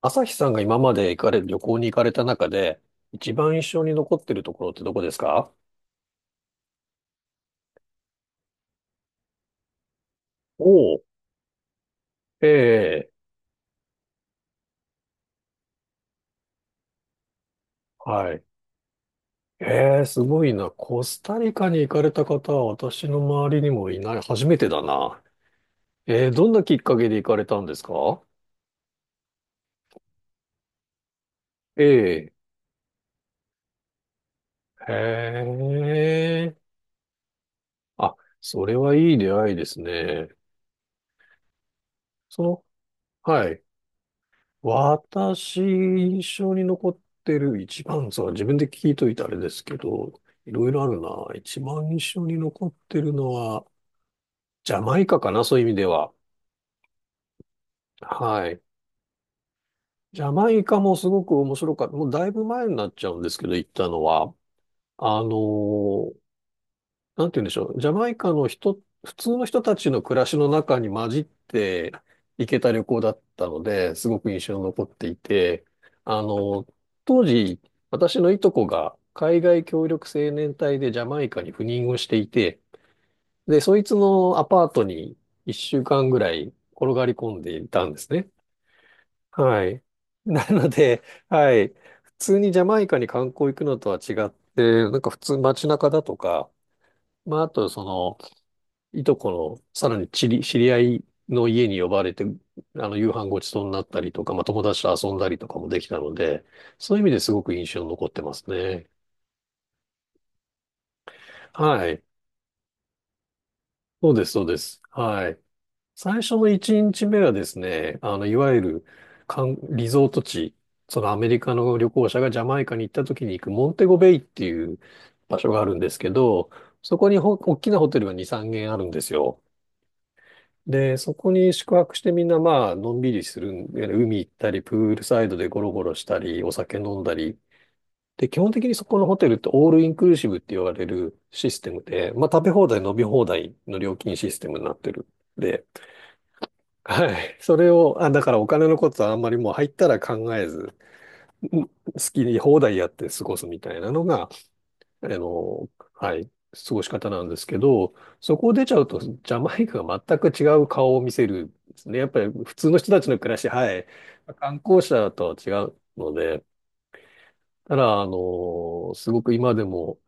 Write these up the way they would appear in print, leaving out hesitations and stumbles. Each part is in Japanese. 朝日さんが今まで行かれ、旅行に行かれた中で、一番印象に残ってるところってどこですか？おお、ええ、はい。ええ、すごいな。コスタリカに行かれた方は私の周りにもいない。初めてだな。ええ、どんなきっかけで行かれたんですか？ええ、へえ。あ、それはいい出会いですね。その、はい。私、印象に残ってる一番、そう自分で聞いといてあれですけど、いろいろあるな。一番印象に残ってるのは、ジャマイカかな、そういう意味では。はい。ジャマイカもすごく面白かった。もうだいぶ前になっちゃうんですけど、行ったのは。あのーなんて言うんでしょう。ジャマイカの人、普通の人たちの暮らしの中に混じって行けた旅行だったので、すごく印象に残っていて、あの、当時、私のいとこが海外協力青年隊でジャマイカに赴任をしていて、で、そいつのアパートに1週間ぐらい転がり込んでいたんですね。はい。なので、はい。普通にジャマイカに観光行くのとは違って、なんか普通街中だとか、まあ、あとその、いとこの、さらに知り合いの家に呼ばれて、夕飯ごちそうになったりとか、まあ、友達と遊んだりとかもできたので、そういう意味ですごく印象に残ってますね。はい。そうです、そうです。はい。最初の1日目はですね、いわゆる、リゾート地、そのアメリカの旅行者がジャマイカに行った時に行くモンテゴベイっていう場所があるんですけど、そこに大きなホテルが2、3軒あるんですよ。で、そこに宿泊してみんなまあ、のんびりするんで、海行ったり、プールサイドでゴロゴロしたり、お酒飲んだり。で、基本的にそこのホテルってオールインクルーシブって言われるシステムで、まあ食べ放題、飲み放題の料金システムになってる。で、はい。それを、あ、だからお金のことはあんまりもう入ったら考えず、好きに放題やって過ごすみたいなのがあの、はい、過ごし方なんですけど、そこを出ちゃうと、ジャマイカが全く違う顔を見せるんですね。やっぱり普通の人たちの暮らし、はい、観光者とは違うので、ただ、すごく今でも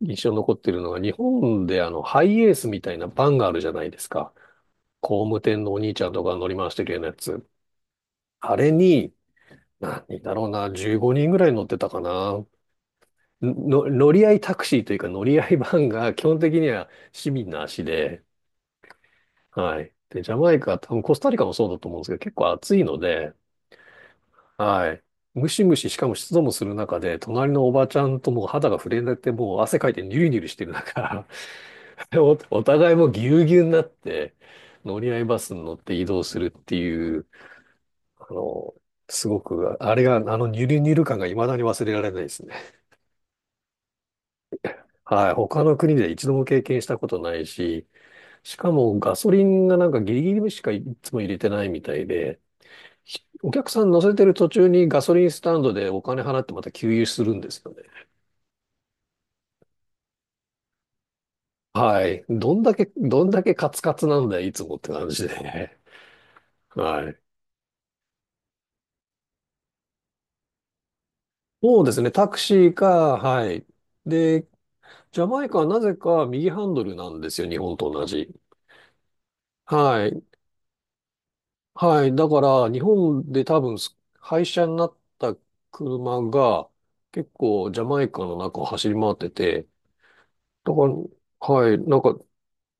印象に残っているのが、日本でハイエースみたいなバンがあるじゃないですか。工務店のお兄ちゃんとかが乗り回してるようなやつ。あれに、何人だろうな、15人ぐらい乗ってたかな。の、乗り合いタクシーというか乗り合いバンが基本的には市民の足で、はい。で、ジャマイカ、多分コスタリカもそうだと思うんですけど、結構暑いので、はい。ムシムシ、しかも湿度もする中で、隣のおばちゃんともう肌が触れなくて、もう汗かいてニュルニュルしてる中、お互いもうぎゅうぎゅうになって、乗り合いバスに乗って移動するっていう、あの、すごく、あれが、あのニュルニュル感が未だに忘れられないですね。はい。他の国で一度も経験したことないし、しかもガソリンがなんかギリギリしかいつも入れてないみたいで、お客さん乗せてる途中にガソリンスタンドでお金払ってまた給油するんですよね。はい。どんだけ、どんだけカツカツなんだよ、いつもって感じでね。はい。そうですね、タクシーか、はい。で、ジャマイカはなぜか右ハンドルなんですよ、日本と同じ。はい。はい。だから、日本で多分、廃車になった車が、結構ジャマイカの中を走り回ってて、だから、はい、なんか、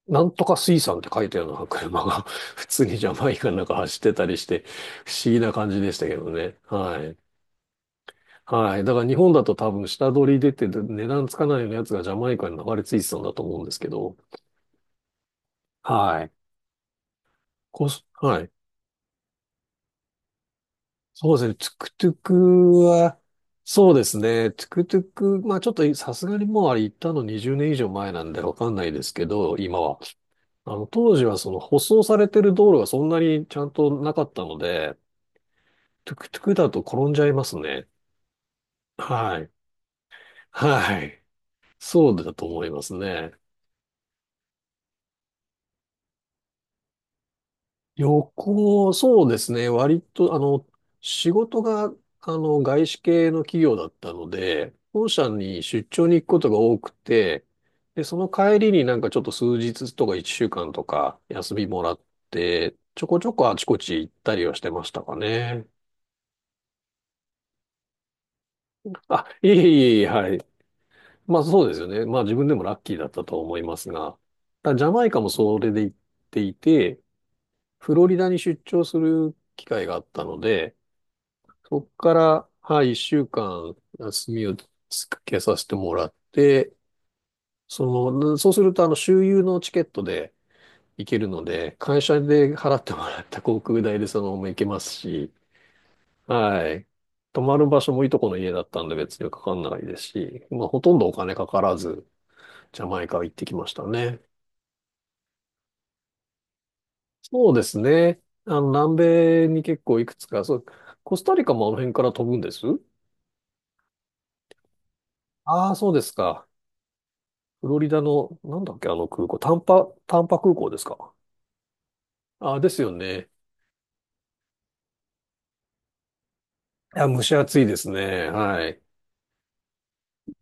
なんとか水産って書いたような車が 普通にジャマイカの中走ってたりして、不思議な感じでしたけどね。はい。はい。だから日本だと多分下取り出て値段つかないようなやつがジャマイカに流れ着いてたんだと思うんですけど。はい。こうす、はい。そうですね。トゥクトゥクは、そうですね。トゥクトゥク、まあちょっとさすがにもうあれ行ったの20年以上前なんでわかんないですけど、今は。当時はその舗装されてる道路がそんなにちゃんとなかったので、トゥクトゥクだと転んじゃいますね。はい。はい。そうだと思いますね。旅行、そうですね。割と、仕事が、外資系の企業だったので、本社に出張に行くことが多くて、で、その帰りになんかちょっと数日とか1週間とか休みもらって、ちょこちょこあちこち行ったりはしてましたかね。あ、いえいえいえ、はい。まあそうですよね。まあ自分でもラッキーだったと思いますが、ただジャマイカもそれで行っていて、フロリダに出張する機会があったので、そこから、はい、一週間休みをつけさせてもらって、そそうするとあの周遊のチケットで行けるので、会社で払ってもらった航空代でそのまま行けますし、はい。泊まる場所もいとこの家だったんで別にかかんないですし、まあほとんどお金かからず、ジャマイカ行ってきましたね。そうですね。南米に結構いくつか、そう、コスタリカもあの辺から飛ぶんです。ああそうですか？フロリダの、なんだっけ、あの空港、タンパ空港ですか？ああですよね。いや、蒸し暑いですね。はい。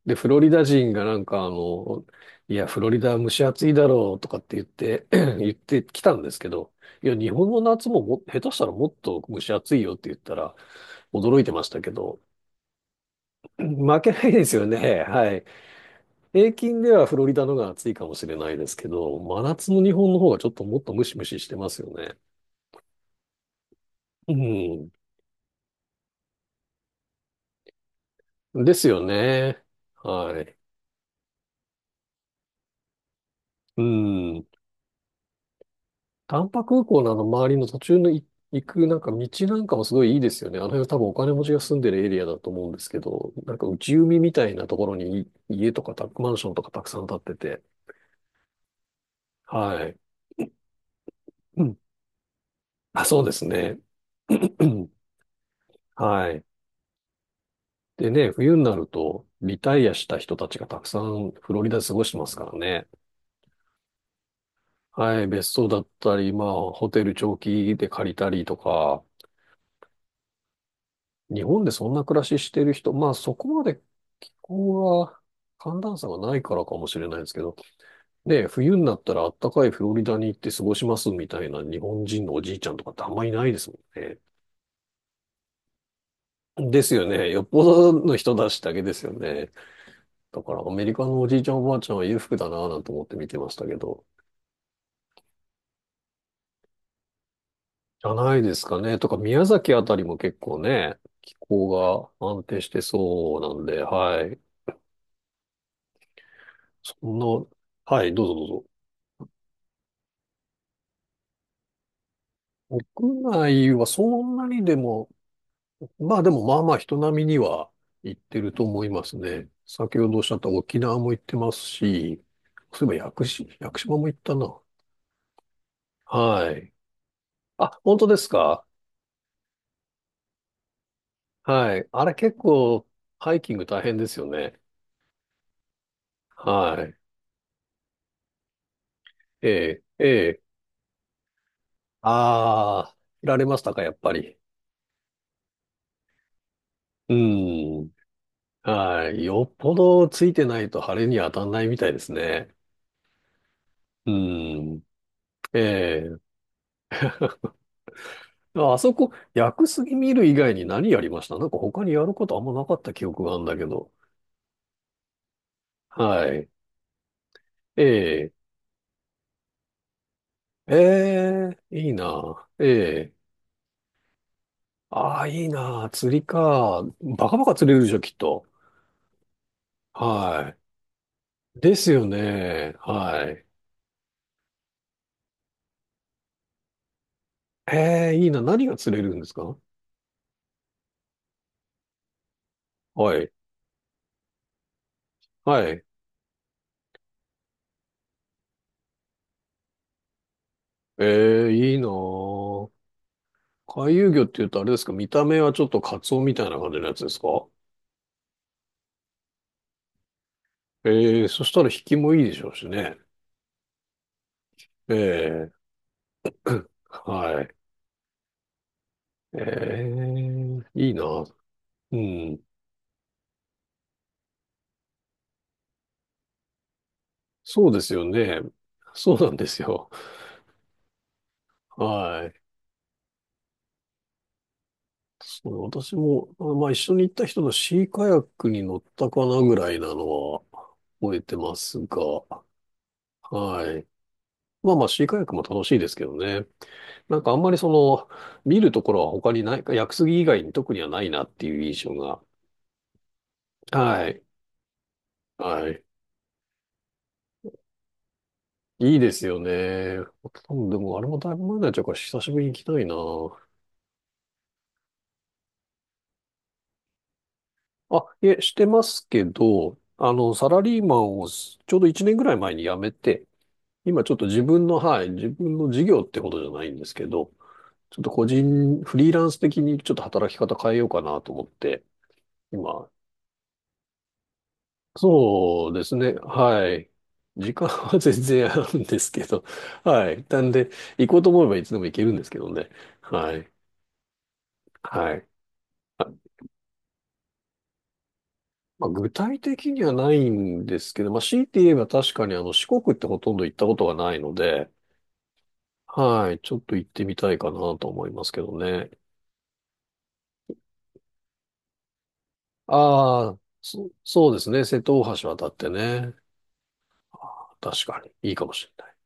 で、フロリダ人がなんかいや、フロリダは蒸し暑いだろうとかって言って、言ってきたんですけど、いや、日本の夏も、下手したらもっと蒸し暑いよって言ったら、驚いてましたけど、負けないですよね。はい。平均ではフロリダのが暑いかもしれないですけど、真夏の日本の方がちょっともっとムシムシしてますよね。うん。ですよね。はい。うん。丹波空港のあの周りの途中の行くなんか道なんかもすごいいいですよね。あの辺は多分お金持ちが住んでるエリアだと思うんですけど、なんか内海みたいなところに家とかマンションとかたくさん建ってて。はい。うん。あ、そうですね。はい。でね、冬になると、リタイアした人たちがたくさんフロリダで過ごしてますからね。はい、別荘だったり、まあ、ホテル長期で借りたりとか、日本でそんな暮らししてる人、まあ、そこまで気候は、寒暖差がないからかもしれないですけど、ね、冬になったらあったかいフロリダに行って過ごしますみたいな日本人のおじいちゃんとかってあんまりいないですもんね。ですよね。よっぽどの人たちだけですよね。だからアメリカのおじいちゃんおばあちゃんは裕福だなぁなんて思って見てましたけど。じゃないですかね。とか、宮崎あたりも結構ね、気候が安定してそうなんで、はい。そんな、はい、どうぞどうぞ。国内はそんなにでも、まあでもまあまあ人並みには行ってると思いますね。先ほどおっしゃった沖縄も行ってますし、そういえば屋久島も行ったな。はい。あ、本当ですか。はい。あれ結構ハイキング大変ですよね。はい。ええ、ええ。ああ、振られましたか、やっぱり。うん。はい。よっぽどついてないと晴れに当たんないみたいですね。うん。ええ、ああそこ、薬杉見る以外に何やりました、なんか他にやることあんまなかった記憶があるんだけど。はい。ええええいいな。ええああ、いいな。釣りか。バカバカ釣れるでしょ、きっと。はい。ですよね。はい。ええいいな。何が釣れるんですか。はい。はい。ええ、いいなぁ。回遊魚って言うとあれですか、見た目はちょっとカツオみたいな感じのやつですか。ええ、そしたら引きもいいでしょうしね。ええ、はい。ええ、いいなぁ。うん。そうですよね。そうなんですよ。はい。そう私も、あ、まあ一緒に行った人のシーカヤックに乗ったかなぐらいなのは覚えてますが、はい。まあまあシーカヤックも楽しいですけどね。あんまり見るところは他にないか、屋久杉以外に特にはないなっていう印象が。はい。はい。いいですよね。多分でもあれもだいぶ前になっちゃうから久しぶりに行きたいな。あ、いえ、してますけど、サラリーマンをすちょうど1年ぐらい前に辞めて、今ちょっと自分の、はい、自分の事業ってことじゃないんですけど、ちょっと個人、フリーランス的にちょっと働き方変えようかなと思って、今、そうですね。はい。時間は全然あるんですけど。はい。なんで、行こうと思えばいつでも行けるんですけどね。はい。はい。あ、まあ、具体的にはないんですけど、まあ、強いて言えば確かに四国ってほとんど行ったことがないので、はい。ちょっと行ってみたいかなと思いますけどね。ああ、そうですね。瀬戸大橋渡ってね。あー確かにいいかもしれない。